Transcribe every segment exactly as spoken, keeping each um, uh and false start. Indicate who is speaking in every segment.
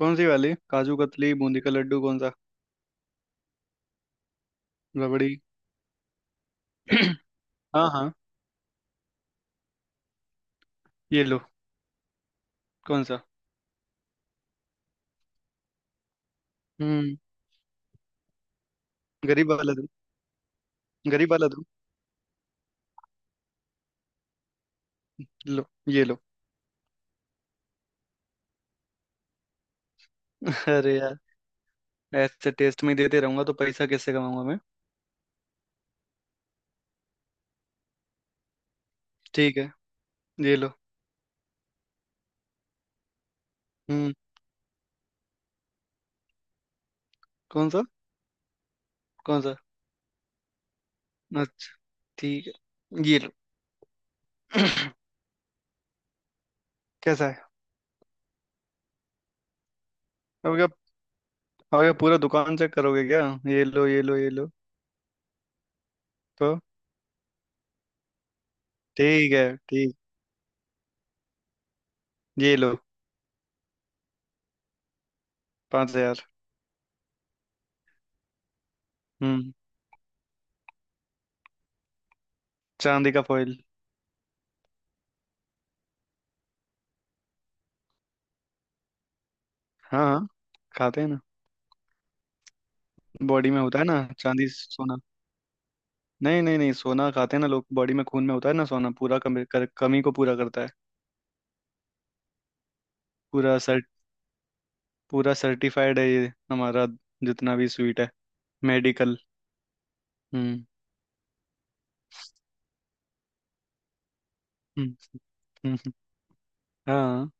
Speaker 1: कौन सी वाली? काजू कतली, बूंदी का लड्डू, कौन सा? रबड़ी। हाँ, हाँ, ये लो। कौन सा? हम्म। गरीब वाला दो। गरीब वाला दो। लो, ये लो। अरे यार, ऐसे टेस्ट में देते रहूंगा तो पैसा कैसे कमाऊंगा मैं? ठीक है, ये लो। हम्म। कौन सा? कौन सा? अच्छा, ठीक है, ये लो। कैसा है? अब क्या? अब क्या पूरा दुकान चेक करोगे क्या? ये लो, ये लो, ये लो। तो ठीक है, ठीक। ये लो। पाँच हजार। हम्म। चांदी का फॉइल। हाँ, हाँ, खाते हैं ना। बॉडी में होता है ना चांदी, सोना। नहीं, नहीं, नहीं, सोना खाते हैं ना लोग, बॉडी में खून में होता है ना सोना, पूरा कमी कर, कमी को पूरा करता है। पूरा सर पूरा सर्टिफाइड है ये हमारा, जितना भी स्वीट है, मेडिकल। हम्म। हम्म, हम्म, हम्म, हाँ।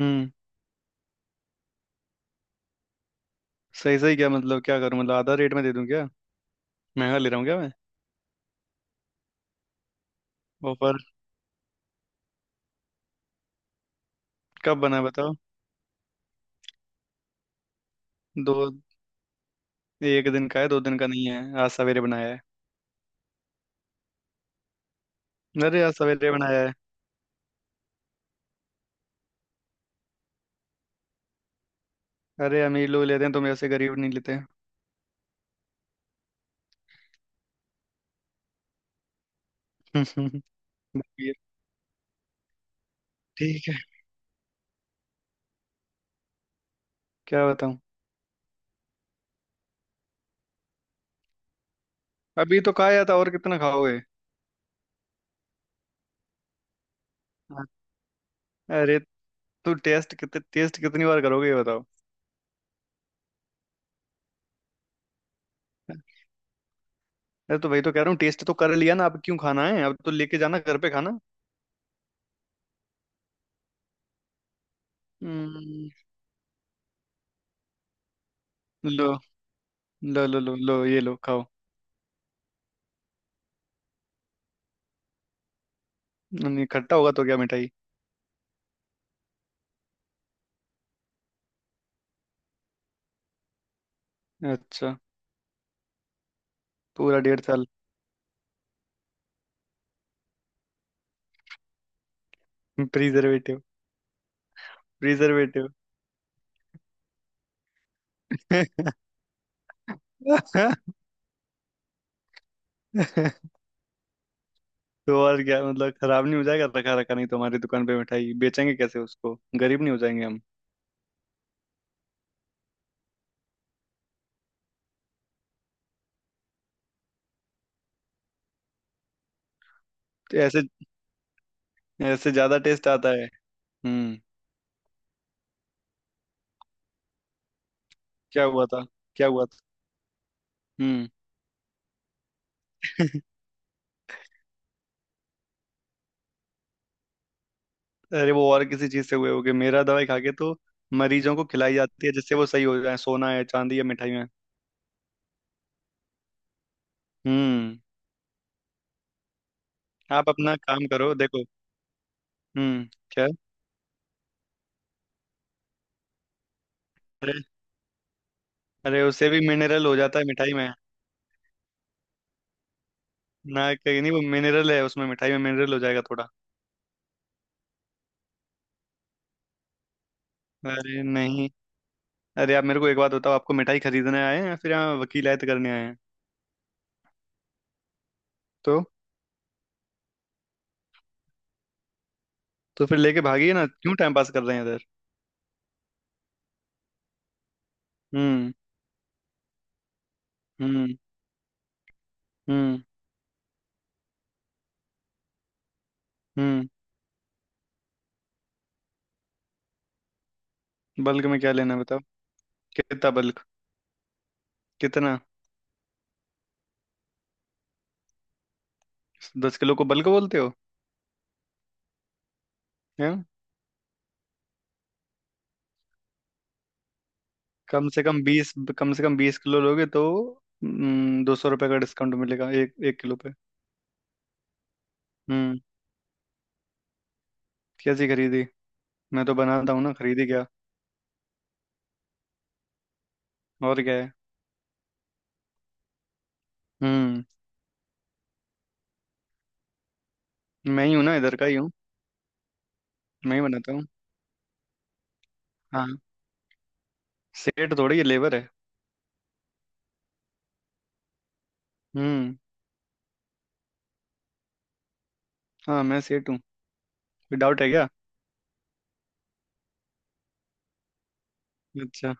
Speaker 1: हम्म। सही सही क्या मतलब, क्या करूं, मतलब आधा रेट में दे दूं क्या? महंगा ले रहा हूँ क्या मैं? ऑफर? कब बना है बताओ? दो? एक दिन का है, दो दिन का नहीं है, आज सवेरे बनाया है। अरे आज सवेरे बनाया है। अरे अमीर लोग लेते हैं, तुम ऐसे गरीब नहीं लेते। बताइए। ठीक है। क्या बताऊं? अभी तो खाया था, और कितना खाओगे? अरे तो टेस्ट, कितने टेस्ट कितनी बार करोगे, ये बताओ? अरे तो वही तो कह रहा हूँ, टेस्ट तो कर लिया ना, अब क्यों खाना है, अब तो लेके जाना घर पे खाना। हम्म। लो, लो, लो, लो, लो, ये लो, खाओ। नहीं खट्टा होगा तो क्या मिठाई? अच्छा। पूरा डेढ़ साल। प्रिजर्वेटिव। प्रिजर्वेटिव। तो और क्या मतलब, खराब नहीं हो जाएगा रखा रखा, नहीं तो हमारी दुकान पे मिठाई बेचेंगे कैसे उसको, गरीब नहीं हो जाएंगे हम? तो ऐसे ऐसे ज्यादा टेस्ट आता है। हम्म। क्या हुआ था? क्या हुआ था? हम्म। अरे वो और किसी चीज से हुए होगे, मेरा दवाई खा के तो मरीजों को खिलाई जाती है जिससे वो सही हो जाए, सोना है, चांदी है, मिठाई है। हम्म। आप अपना काम करो देखो। हम्म। क्या? अरे। अरे उससे भी मिनरल हो जाता है मिठाई में। ना, कहीं नहीं, वो मिनरल है उसमें, मिठाई में मिनरल हो जाएगा थोड़ा। अरे नहीं। अरे आप मेरे को एक बात बताओ, आपको मिठाई खरीदने आए हैं या फिर यहाँ वकीलायत करने आए हैं? तो तो फिर लेके भागिए ना, क्यों टाइम पास कर रहे हैं इधर? हम्म। हम्म। हम्म। हम्म। बल्क में क्या लेना है बताओ? कितना बल्क? कितना? दस किलो को बल्क बोलते हो? हैं? कम से कम बीस, कम से कम बीस किलो लोगे तो, हम्म, दो सौ रुपये का डिस्काउंट मिलेगा एक एक किलो पे। हम्म। कैसी खरीदी? मैं तो बनाता हूँ ना, खरीदी क्या? और क्या है? हम्म। मैं ही हूँ ना, इधर का ही हूँ। मैं ही बनाता हूँ। हाँ, सेठ थोड़ी, ये लेबर है। हम्म। हाँ, मैं सेठ हूँ। कोई डाउट है क्या? अच्छा।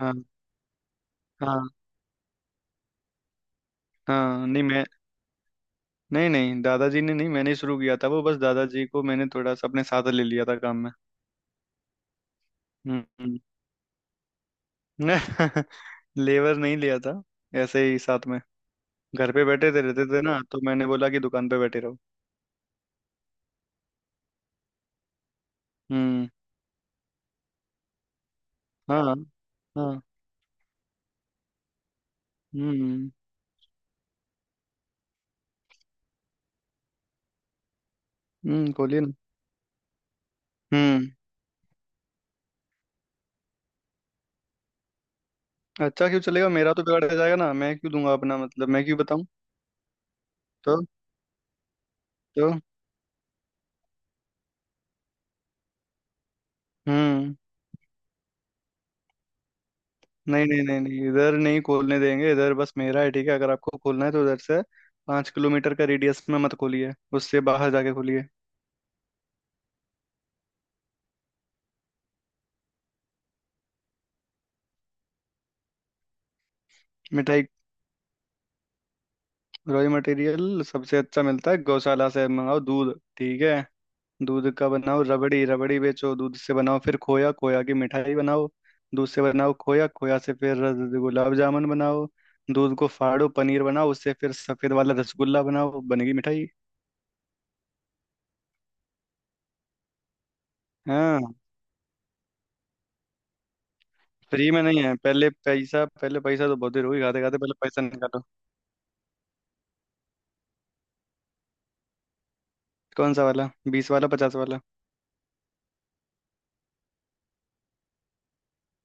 Speaker 1: हाँ, हाँ, हाँ, नहीं, मैं, नहीं, नहीं, दादाजी ने नहीं, मैंने ही शुरू किया था, वो बस दादाजी को मैंने थोड़ा सा अपने साथ ले लिया था काम में। हम्म। हम्म। लेबर नहीं लिया था, ऐसे ही साथ में। घर पे बैठे थे, रहते थे ना, तो मैंने बोला कि दुकान पे बैठे रहो। हम्म। हाँ। हाँ। हम्म। हम्म, खोलिए ना। हम्म। अच्छा, क्यों चलेगा, मेरा तो बिगाड़ जाएगा ना, मैं क्यों दूंगा अपना, मतलब मैं क्यों बताऊं? तो तो हम्म। नहीं, नहीं, नहीं, नहीं, इधर नहीं खोलने देंगे, इधर बस मेरा है, ठीक है, अगर आपको खोलना है तो उधर से पाँच किलोमीटर का रेडियस में मत खोलिए, उससे बाहर जाके खोलिए। मिठाई? रॉयल मटेरियल सबसे अच्छा मिलता है गौशाला से, मंगाओ दूध, ठीक है, दूध का बनाओ रबड़ी, रबड़ी बेचो, दूध से बनाओ फिर खोया, खोया की मिठाई बनाओ, दूध से बनाओ खोया, खोया से फिर रस- गुलाब जामुन बनाओ, दूध को फाड़ो पनीर बनाओ, उससे फिर सफेद वाला रसगुल्ला बनाओ, बनेगी मिठाई। हाँ, फ्री में नहीं है, पहले पैसा, पहले पैसा तो बहुत देर हुई खाते खाते, पहले पैसा निकालो। कौन सा वाला? बीस वाला, पचास वाला?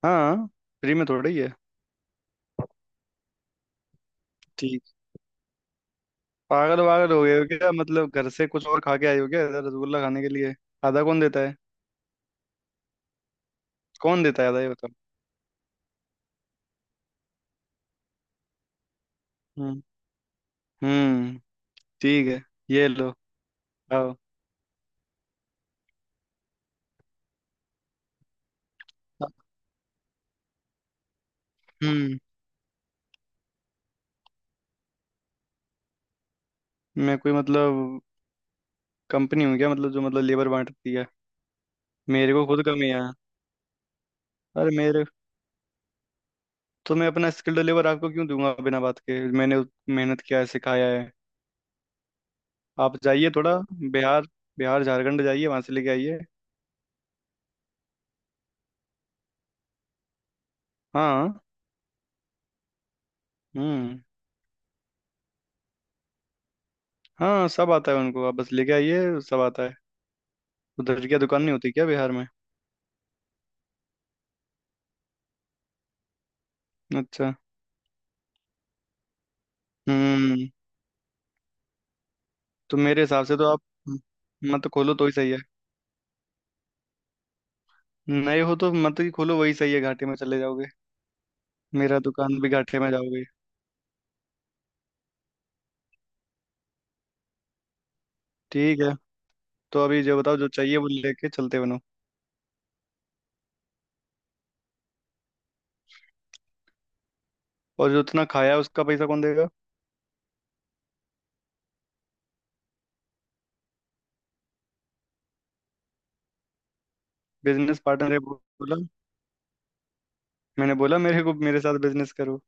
Speaker 1: हाँ, फ्री में थोड़ा ही है। ठीक। पागल वागल हो गए हो क्या, मतलब घर से कुछ और खा के आए हो क्या ऐसा रसगुल्ला खाने के लिए? आधा कौन देता है? कौन देता है आधा, ये बताओ? हम्म। हम्म। ठीक है, ये लो। आओ। हाँ। हम्म। मैं कोई, मतलब कंपनी हूँ क्या, मतलब जो मतलब लेबर बांटती है? मेरे को खुद कमी है। अरे मेरे तो मैं अपना स्किल्ड लेबर आपको क्यों दूंगा बिना बात के, मैंने उत- मेहनत किया है, सिखाया है। आप जाइए थोड़ा बिहार, बिहार झारखंड जाइए, वहां से लेके आइए। हाँ। हम्म। हाँ, सब आता है उनको, आप बस लेके आइए, सब आता है। उधर क्या दुकान नहीं होती क्या बिहार में? अच्छा। हम्म। तो मेरे हिसाब से तो आप मत खोलो तो ही सही है। नए हो तो मत ही खोलो, वही सही है, घाटे में चले जाओगे। मेरा दुकान भी घाटे में जाओगे। ठीक है। तो अभी जो बताओ जो चाहिए वो लेके चलते बनो। और जो इतना खाया उसका पैसा कौन देगा? बिजनेस पार्टनर है बोला? मैंने बोला, मेरे को मेरे साथ बिजनेस करो।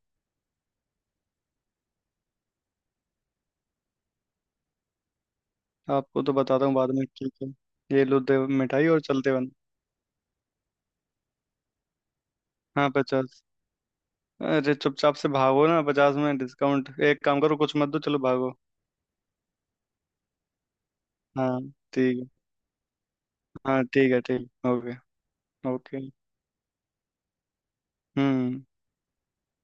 Speaker 1: आपको तो बताता हूँ बाद में, ठीक है। ये लो, दे मिठाई और चलते बनो। हाँ, पचास। अरे चुपचाप से भागो ना, पचास में डिस्काउंट, एक काम करो, कुछ मत दो, चलो भागो। हाँ, ठीक है। हाँ, ठीक है, ठीक, ओके। ओके। हम्म।